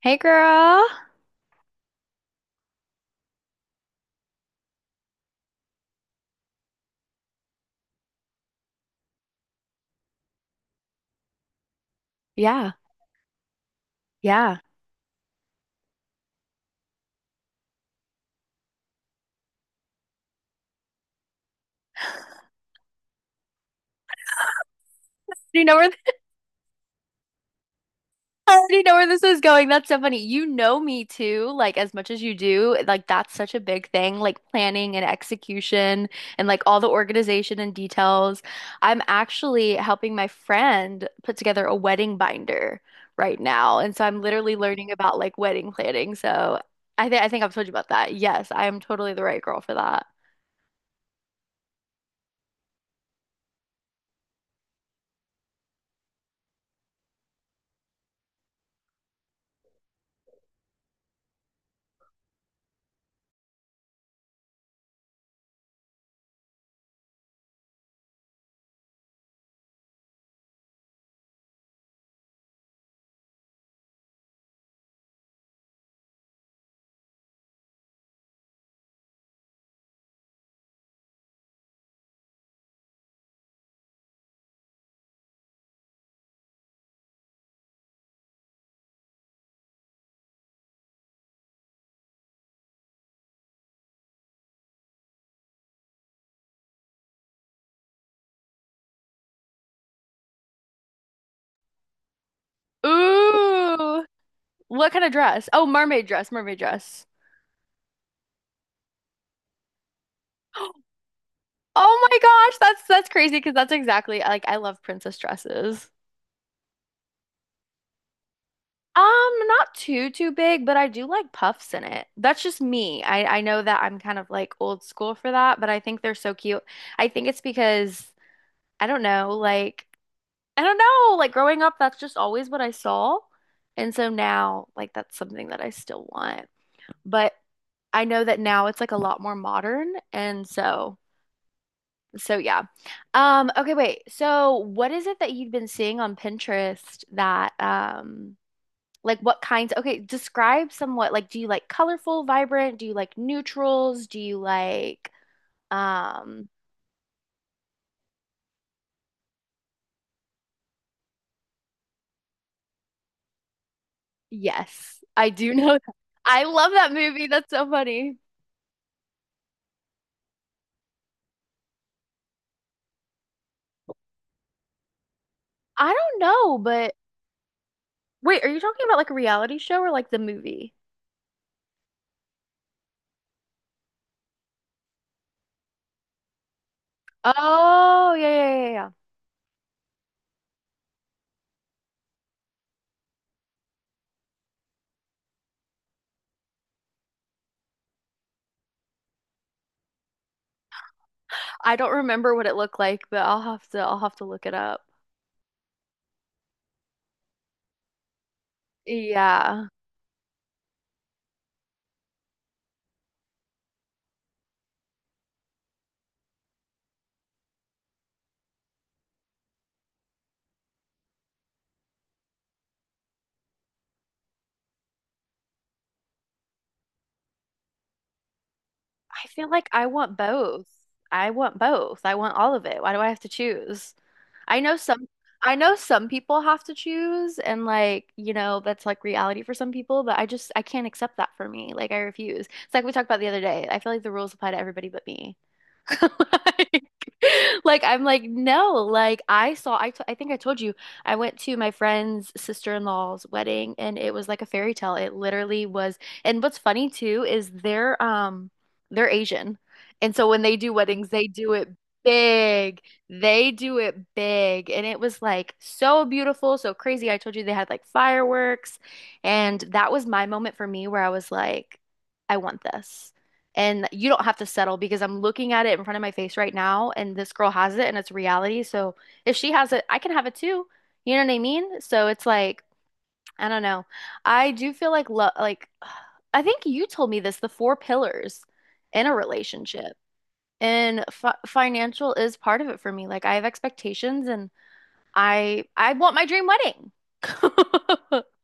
Hey girl. Yeah. Yeah. Do you know where I already know where this is going. That's so funny. You know me too, like as much as you do. Like that's such a big thing, like planning and execution and like all the organization and details. I'm actually helping my friend put together a wedding binder right now. And so I'm literally learning about like wedding planning. So I think I've told you about that. Yes, I am totally the right girl for that. Ooh. What kind of dress? Oh, mermaid dress, mermaid dress. Oh my gosh, that's crazy because that's exactly like I love princess dresses. Um, Not too too big, but I do like puffs in it. That's just me. I know that I'm kind of like old school for that, but I think they're so cute. I think it's because I don't know, like I don't know, like growing up, that's just always what I saw. And so now, like that's something that I still want. But I know that now it's like a lot more modern, and so so yeah. Okay, wait. So what is it that you've been seeing on Pinterest that like what kinds, okay, describe somewhat, like do you like colorful, vibrant, do you like neutrals, do you like um yes, I do know that. I love that movie. That's so funny. I don't know, but wait, are you talking about like a reality show or like the movie? Oh, yeah, yeah, yeah, yeah, yeah. I don't remember what it looked like, but I'll have to look it up. Yeah. I feel like I want both. I want both. I want all of it. Why do I have to choose? I know some I know some people have to choose and like, that's like reality for some people, but I just I can't accept that for me. Like I refuse. It's like we talked about the other day. I feel like the rules apply to everybody but me. Like, like I'm like, no, like I saw, I think I told you, I went to my friend's sister-in-law's wedding and it was like a fairy tale. It literally was. And what's funny too is they're Asian. And so when they do weddings, they do it big. They do it big. And it was like so beautiful, so crazy. I told you they had like fireworks. And that was my moment for me where I was like, I want this, and you don't have to settle because I'm looking at it in front of my face right now and this girl has it and it's reality. So if she has it, I can have it too. You know what I mean? So it's like, I don't know. I do feel like love, like I think you told me this, the 4 pillars in a relationship. And fi financial is part of it for me. Like I have expectations, and I want my dream wedding.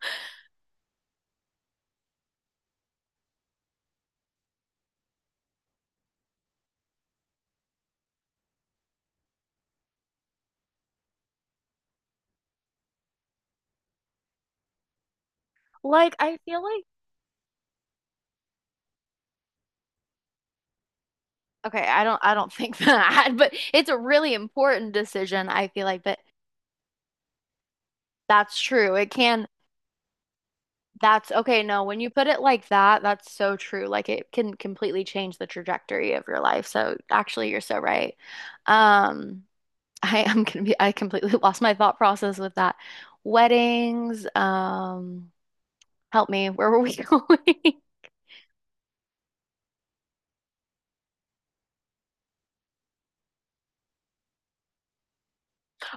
Like I feel like okay, I don't think that, but it's a really important decision, I feel like, but that's true. It can, that's okay. No, when you put it like that, that's so true. Like it can completely change the trajectory of your life. So actually, you're so right. Um, I am gonna be, I completely lost my thought process with that. Weddings, help me. Where were we going?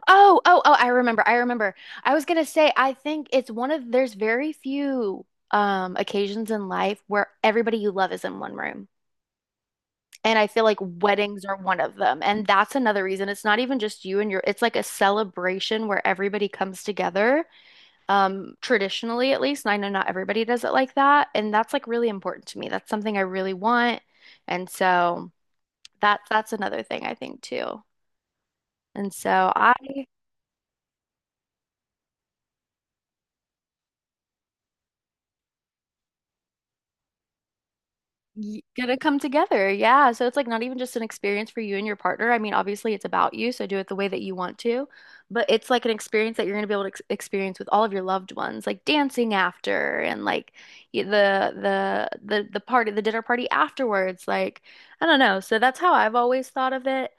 Oh, I remember. I remember. I was gonna say, I think there's very few occasions in life where everybody you love is in one room. And I feel like weddings are one of them. And that's another reason. It's not even just you and your, it's like a celebration where everybody comes together, traditionally at least. And I know not everybody does it like that. And that's like really important to me. That's something I really want. And so that that's another thing I think too. And so gonna come together. Yeah. So it's like not even just an experience for you and your partner. I mean, obviously it's about you, so do it the way that you want to, but it's like an experience that you're gonna be able to ex experience with all of your loved ones, like dancing after and like y- the the party, the dinner party afterwards. Like, I don't know. So that's how I've always thought of it.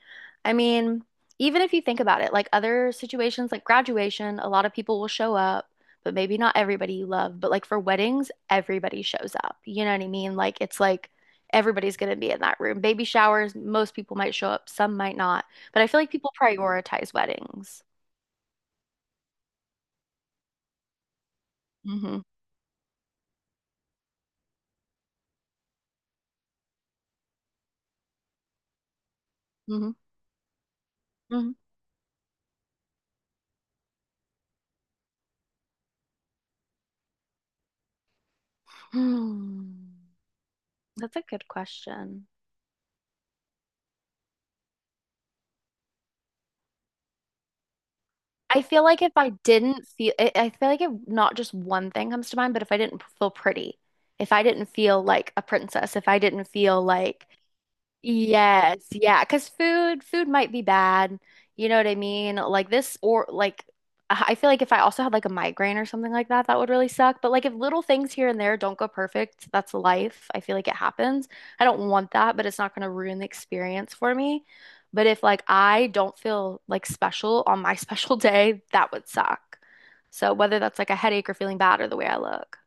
I mean, even if you think about it, like other situations like graduation, a lot of people will show up, but maybe not everybody you love. But like for weddings, everybody shows up. You know what I mean? Like it's like everybody's going to be in that room. Baby showers, most people might show up, some might not. But I feel like people prioritize weddings. Hmm. Hmm. Hmm. Hmm. That's a good question. I feel like if not just one thing comes to mind, but if I didn't feel pretty, if I didn't feel like a princess, if I didn't feel like yes, yeah, because food might be bad. You know what I mean? Like this or like I feel like if I also had like a migraine or something like that, that would really suck. But like if little things here and there don't go perfect, that's life. I feel like it happens. I don't want that, but it's not going to ruin the experience for me. But if like I don't feel like special on my special day, that would suck. So whether that's like a headache or feeling bad or the way I look.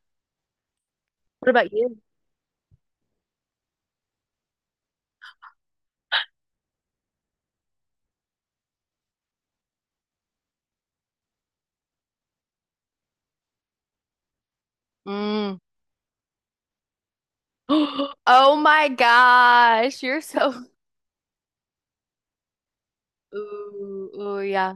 What about you? Mm. Oh my gosh, you're so ooh, ooh, yeah.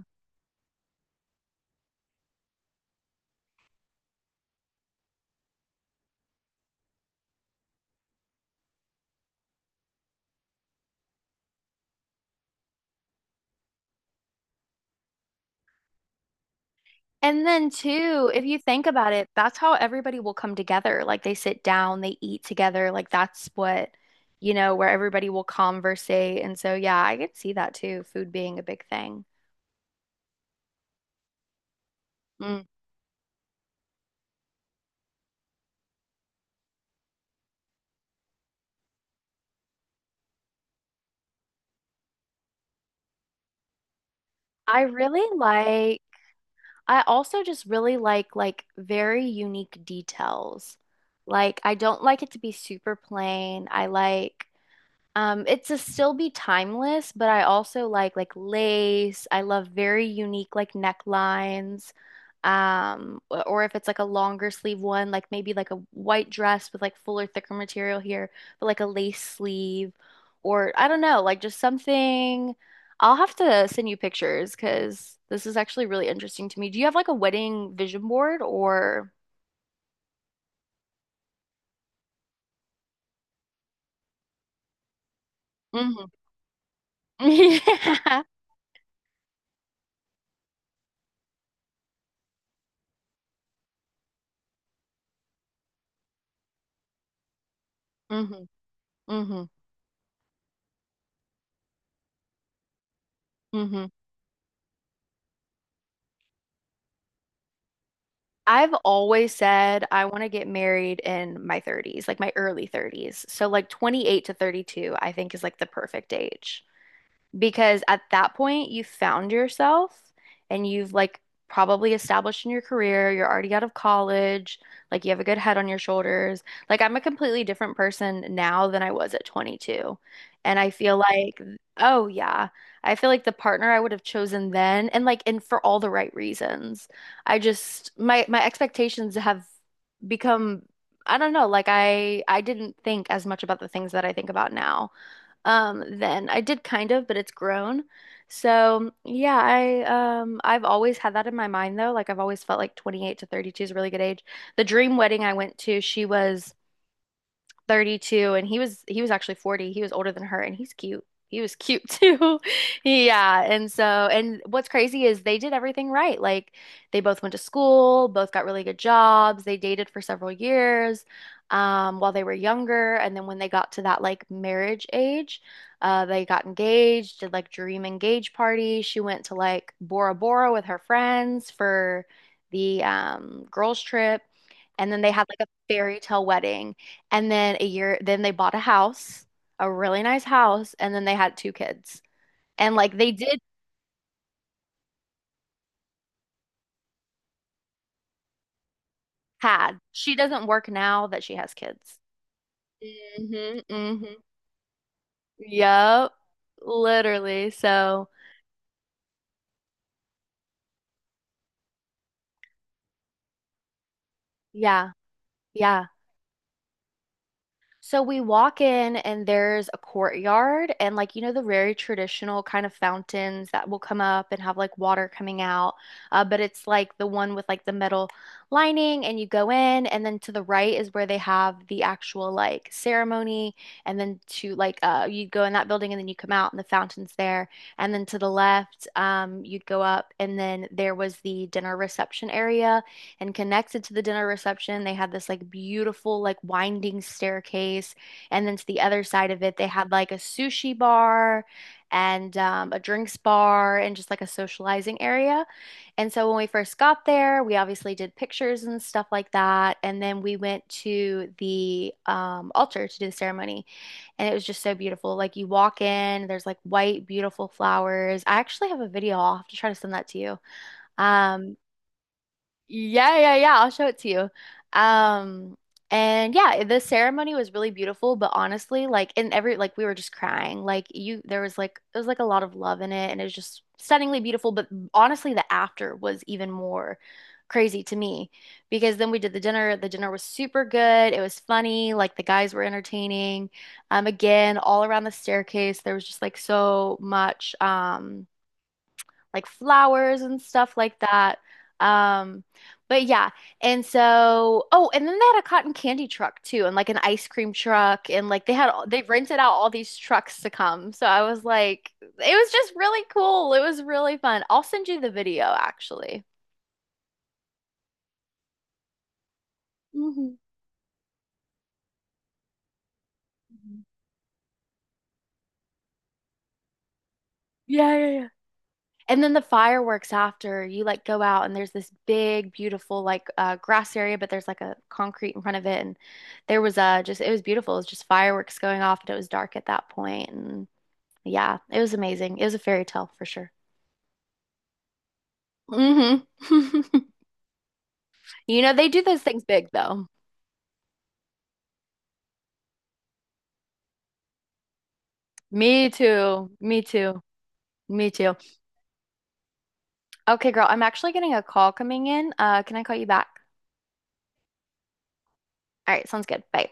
And then too, if you think about it, that's how everybody will come together. Like they sit down, they eat together. Like that's what, where everybody will conversate. And so yeah, I could see that too, food being a big thing. Mm. I really like, I also just really like very unique details. Like I don't like it to be super plain. I like it's to still be timeless, but I also like lace. I love very unique like necklines. Or if it's like a longer sleeve one, like maybe like a white dress with like fuller, thicker material here, but like a lace sleeve, or I don't know, like just something. I'll have to send you pictures because this is actually really interesting to me. Do you have like a wedding vision board or? Hmm. Yeah. Hmm. Hmm. Hmm. I've always said I want to get married in my 30s, like my early 30s. So like 28 to 32, I think is like the perfect age. Because at that point, you found yourself and you've like probably established in your career, you're already out of college, like you have a good head on your shoulders. Like I'm a completely different person now than I was at 22. And I feel like, oh yeah, I feel like the partner I would have chosen then and like and for all the right reasons. I just my my expectations have become I don't know, like I didn't think as much about the things that I think about now then. I did kind of, but it's grown. So, yeah, I've always had that in my mind though. Like I've always felt like 28 to 32 is a really good age. The dream wedding I went to, she was 32 and he was actually 40. He was older than her and he's cute. He was cute too. Yeah, and so and what's crazy is they did everything right. Like they both went to school, both got really good jobs, they dated for several years while they were younger, and then when they got to that like marriage age, they got engaged, did like dream engage party. She went to like Bora Bora with her friends for the girls trip, and then they had like a fairy tale wedding. And then a year, then they bought a house, a really nice house, and then they had 2 kids. And like they did had. She doesn't work now that she has kids. Hmm. Hmm. Yep, literally. So, yeah. Yeah. So we walk in and there's a courtyard, and like you know the very traditional kind of fountains that will come up and have like water coming out. But it's like the one with like the metal lining, and you go in and then to the right is where they have the actual like ceremony, and then to like you go in that building and then you come out and the fountain's there, and then to the left you go up, and then there was the dinner reception area, and connected to the dinner reception, they had this like beautiful, like winding staircase. And then to the other side of it, they had like a sushi bar and a drinks bar and just like a socializing area. And so when we first got there, we obviously did pictures and stuff like that. And then we went to the altar to do the ceremony. And it was just so beautiful. Like you walk in, there's like white, beautiful flowers. I actually have a video. I'll have to try to send that to you. Um, yeah, yeah, yeah. I'll show it to you. Um, and yeah, the ceremony was really beautiful, but honestly, like in every like we were just crying. Like you there was like a lot of love in it and it was just stunningly beautiful, but honestly the after was even more crazy to me because then we did the dinner. The dinner was super good. It was funny, like the guys were entertaining. Again, all around the staircase, there was just like so much like flowers and stuff like that. Um, but yeah, and so oh, and then they had a cotton candy truck too, and like an ice cream truck, and like they rented out all these trucks to come. So I was like, it was just really cool. It was really fun. I'll send you the video actually. Mhm. Yeah, yeah, yeah. And then the fireworks after, you like go out and there's this big, beautiful like grass area, but there's like a concrete in front of it, and there was just it was beautiful. It was just fireworks going off, and it was dark at that point, and yeah, it was amazing. It was a fairy tale for sure. Hmm. You know they do those things big though. Me too. Me too. Me too. Okay, girl, I'm actually getting a call coming in. Can I call you back? All right, sounds good. Bye.